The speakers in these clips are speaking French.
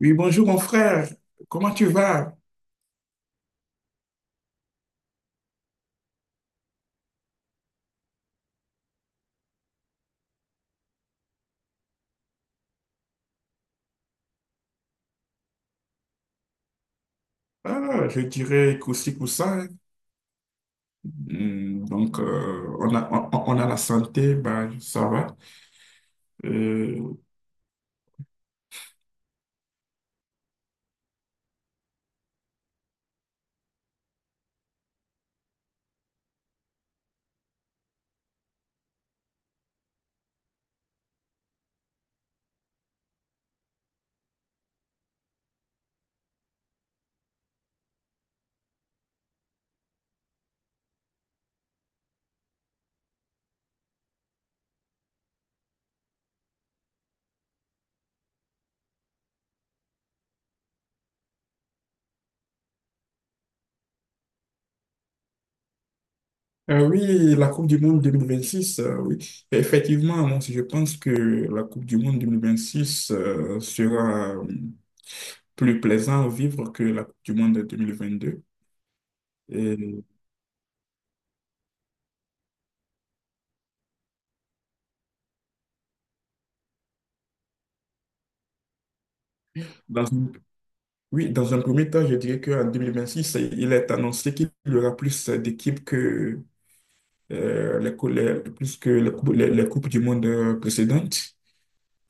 Oui, bonjour mon frère, comment tu vas? Ah, je dirais qu'aussi pour ça. Donc, on a la santé, ben, ça va. Euh, ah oui, la Coupe du Monde 2026, oui. Effectivement, moi, je pense que la Coupe du Monde 2026 sera plus plaisant à vivre que la Coupe du Monde de 2022. Et dans une- oui, dans un premier temps, je dirais qu'en six il est annoncé qu'il y aura plus d'équipes que plus que les Coupes du Monde précédentes.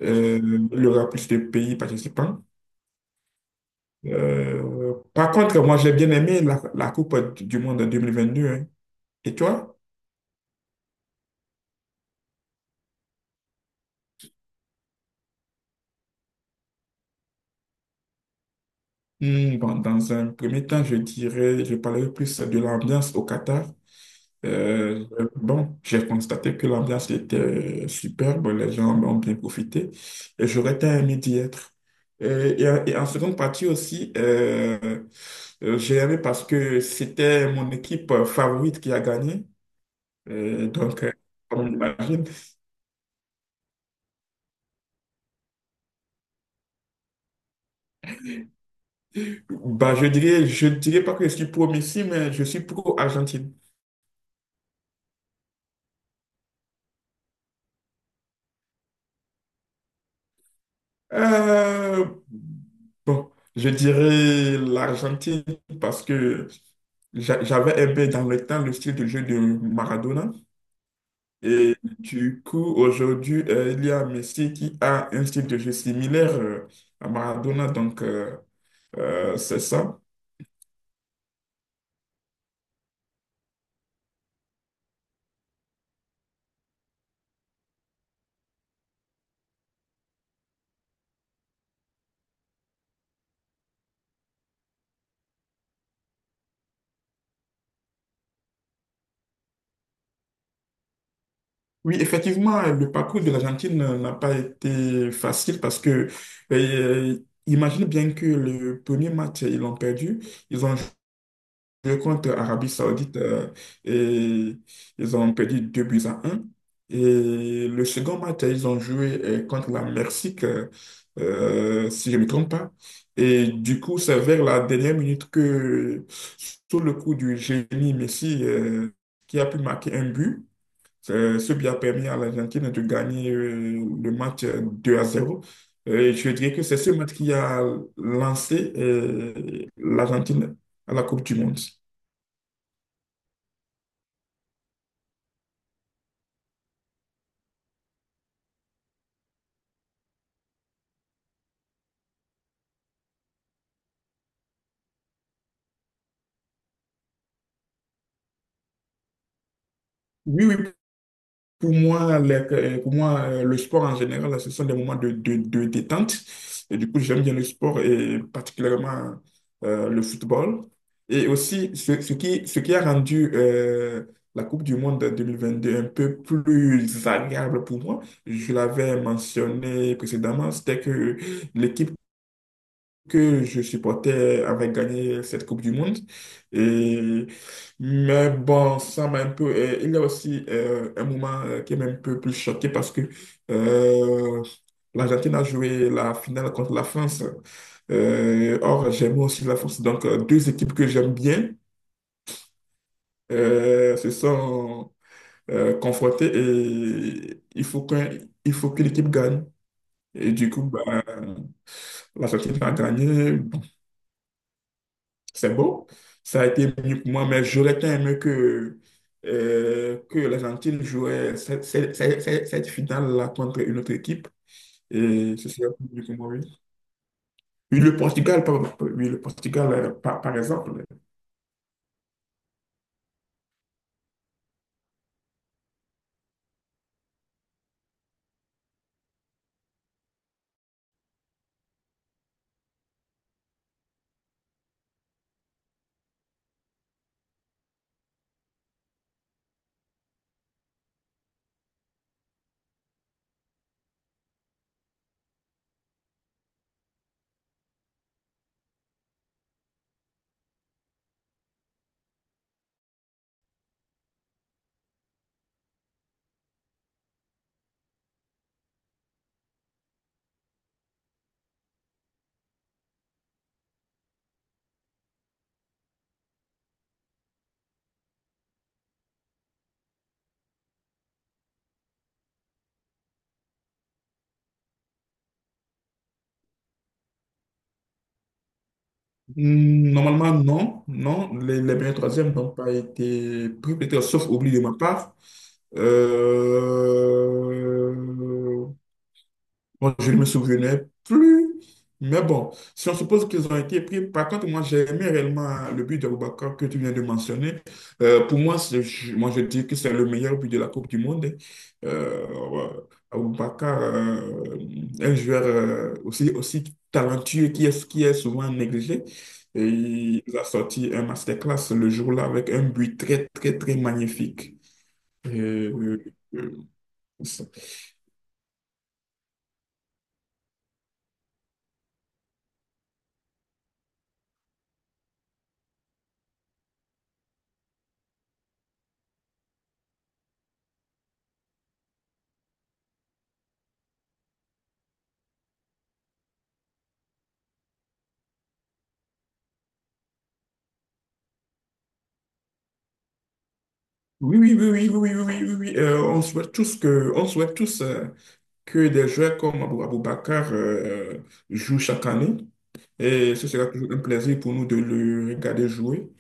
Euh, il y aura plus de pays participants. Par contre, moi, j'ai bien aimé la Coupe du Monde en 2022, hein. Et toi? Bon, dans un premier temps, je dirais, je parlerai plus de l'ambiance au Qatar. Euh, bon, j'ai constaté que l'ambiance était superbe, les gens en ont bien profité et j'aurais tant aimé d'y être. Et, et en seconde partie aussi, j'ai aimé parce que c'était mon équipe favorite qui a gagné. Donc, comme on l'imagine, bah, je dirais pas que je suis pro Messi, mais je suis pro Argentine. Euh, bon, je dirais l'Argentine parce que j'avais aimé dans le temps le style de jeu de Maradona. Et du coup, aujourd'hui, il y a Messi qui a un style de jeu similaire à Maradona. Donc, c'est ça. Oui, effectivement, le parcours de l'Argentine n'a pas été facile parce que, euh, imagine bien que le premier match, ils l'ont perdu. Ils ont deux contre Arabie Saoudite, et ils ont perdu 2 buts à un. Et le second match, ils ont joué contre la Mexique, si je ne me trompe pas. Et du coup, c'est vers la dernière minute que, sous le coup du génie Messi, qui a pu marquer un but, c'est ce qui a permis à l'Argentine de gagner le match 2 à zéro. Et je dirais que c'est ce match qui a lancé l'Argentine à la Coupe du Monde. Oui, oui. Pour moi, le sport en général, ce sont des moments de détente. Et du coup, j'aime bien le sport et particulièrement le football. Et aussi, ce qui a rendu la Coupe du Monde 2022 un peu plus agréable pour moi, je l'avais mentionné précédemment, c'était que l'équipe que je supportais avait gagné cette Coupe du Monde. Et, mais bon, ça m'a un peu... il y a aussi un moment qui m'a un peu plus choqué parce que euh, l'Argentine a joué la finale contre la France. Or, j'aime aussi la France. Donc, deux équipes que j'aime bien se sont confrontées et il faut que l'équipe gagne. Et du coup, bah, l'Argentine a gagné. C'est beau. Ça a été mieux pour moi, mais j'aurais tant aimé que l'Argentine jouait cette finale-là contre une autre équipe. Et ce serait mieux pour moi, oui. Oui, oui, le Portugal, par exemple. Normalement, non. Non, les meilleurs troisièmes n'ont pas été pris, peut-être sauf oubli de ma part. Euh, je ne me souvenais plus. Mais bon, si on suppose qu'ils ont été pris, par contre, moi, j'ai aimé réellement, hein, le but d'Aboubacar que tu viens de mentionner. Pour moi, moi, je dis que c'est le meilleur but de la Coupe du Monde, hein. Ouais, Aboubacar, un joueur aussi talentueux qui est souvent négligé. Et il a sorti un masterclass le jour-là avec un but très, très, très magnifique. Et, euh, euh, Oui, oui, oui, oui, oui, oui, oui, oui, oui. On souhaite tous que des joueurs comme Aboubakar jouent chaque année. Et ce sera toujours un plaisir pour nous de le regarder jouer.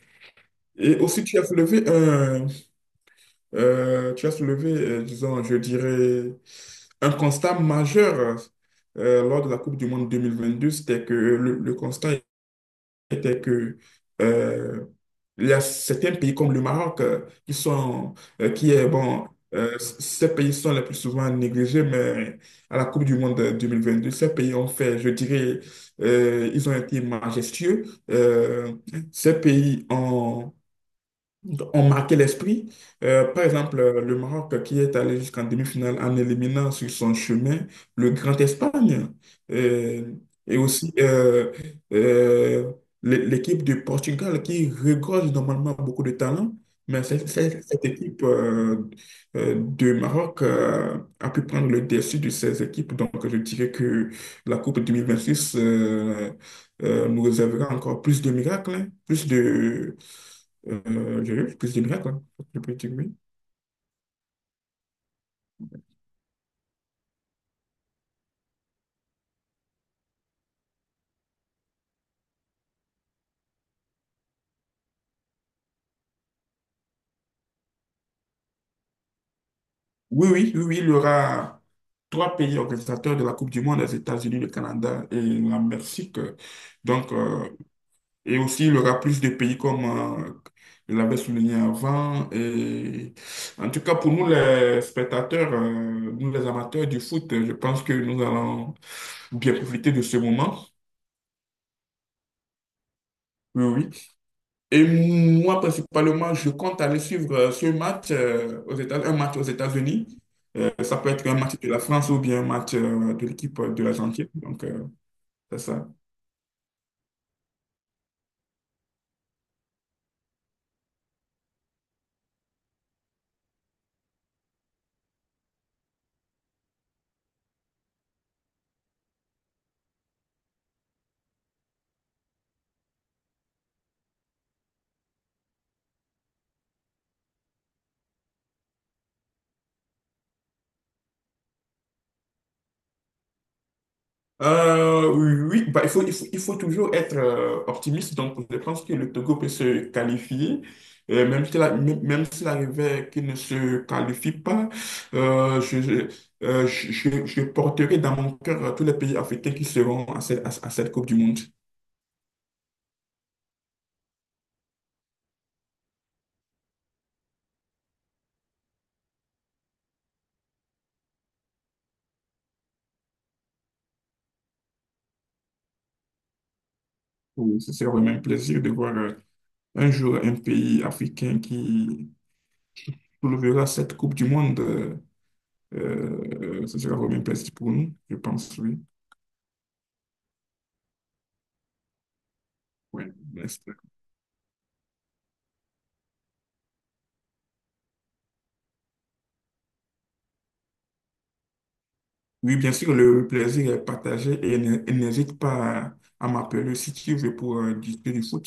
Et aussi, tu as soulevé, disons, je dirais, un constat majeur lors de la Coupe du Monde 2022, c'était que le constat était que euh, il y a certains pays comme le Maroc qui sont, qui est bon, ces pays sont les plus souvent négligés, mais à la Coupe du Monde 2022, ces pays ont fait, je dirais, ils ont été majestueux. Euh, ces pays ont marqué l'esprit. Par exemple, le Maroc qui est allé jusqu'en demi-finale en éliminant sur son chemin le Grand Espagne. Euh, et aussi, euh, l'équipe du Portugal qui regorge normalement beaucoup de talent, mais cette équipe de Maroc a pu prendre le dessus de ces équipes. Donc, je dirais que la Coupe 2026 nous réservera encore plus de miracles, hein, plus de que c'est bien, quoi. Je peux dire oui. Oui, oui, oui, oui, il y aura trois pays organisateurs de la Coupe du Monde, les États-Unis, le Canada et la Mexique. Donc, et aussi, il y aura plus de pays comme je l'avais souligné avant. Et en tout cas, pour nous, les spectateurs, nous, les amateurs du foot, je pense que nous allons bien profiter de ce moment. Oui, oui. Et moi, principalement, je compte aller suivre ce match, un match aux États-Unis. Ça peut être un match de la France ou bien un match de l'équipe de l'Argentine. Donc, c'est ça. Oui, oui, bah, il faut toujours être optimiste. Donc, je pense que le Togo peut se qualifier. Même s'il arrivait qu'il ne se qualifie pas, euh, je, je, je porterai dans mon cœur tous les pays africains qui seront à cette Coupe du Monde. Oui, ce sera vraiment un plaisir de voir un jour un pays africain qui soulevera cette Coupe du Monde. Ce sera vraiment un plaisir pour nous, je pense, oui. Oui, bien sûr. Oui, bien sûr, le plaisir est partagé et n'hésite pas à m'appeler si tu veux pour discuter du foot.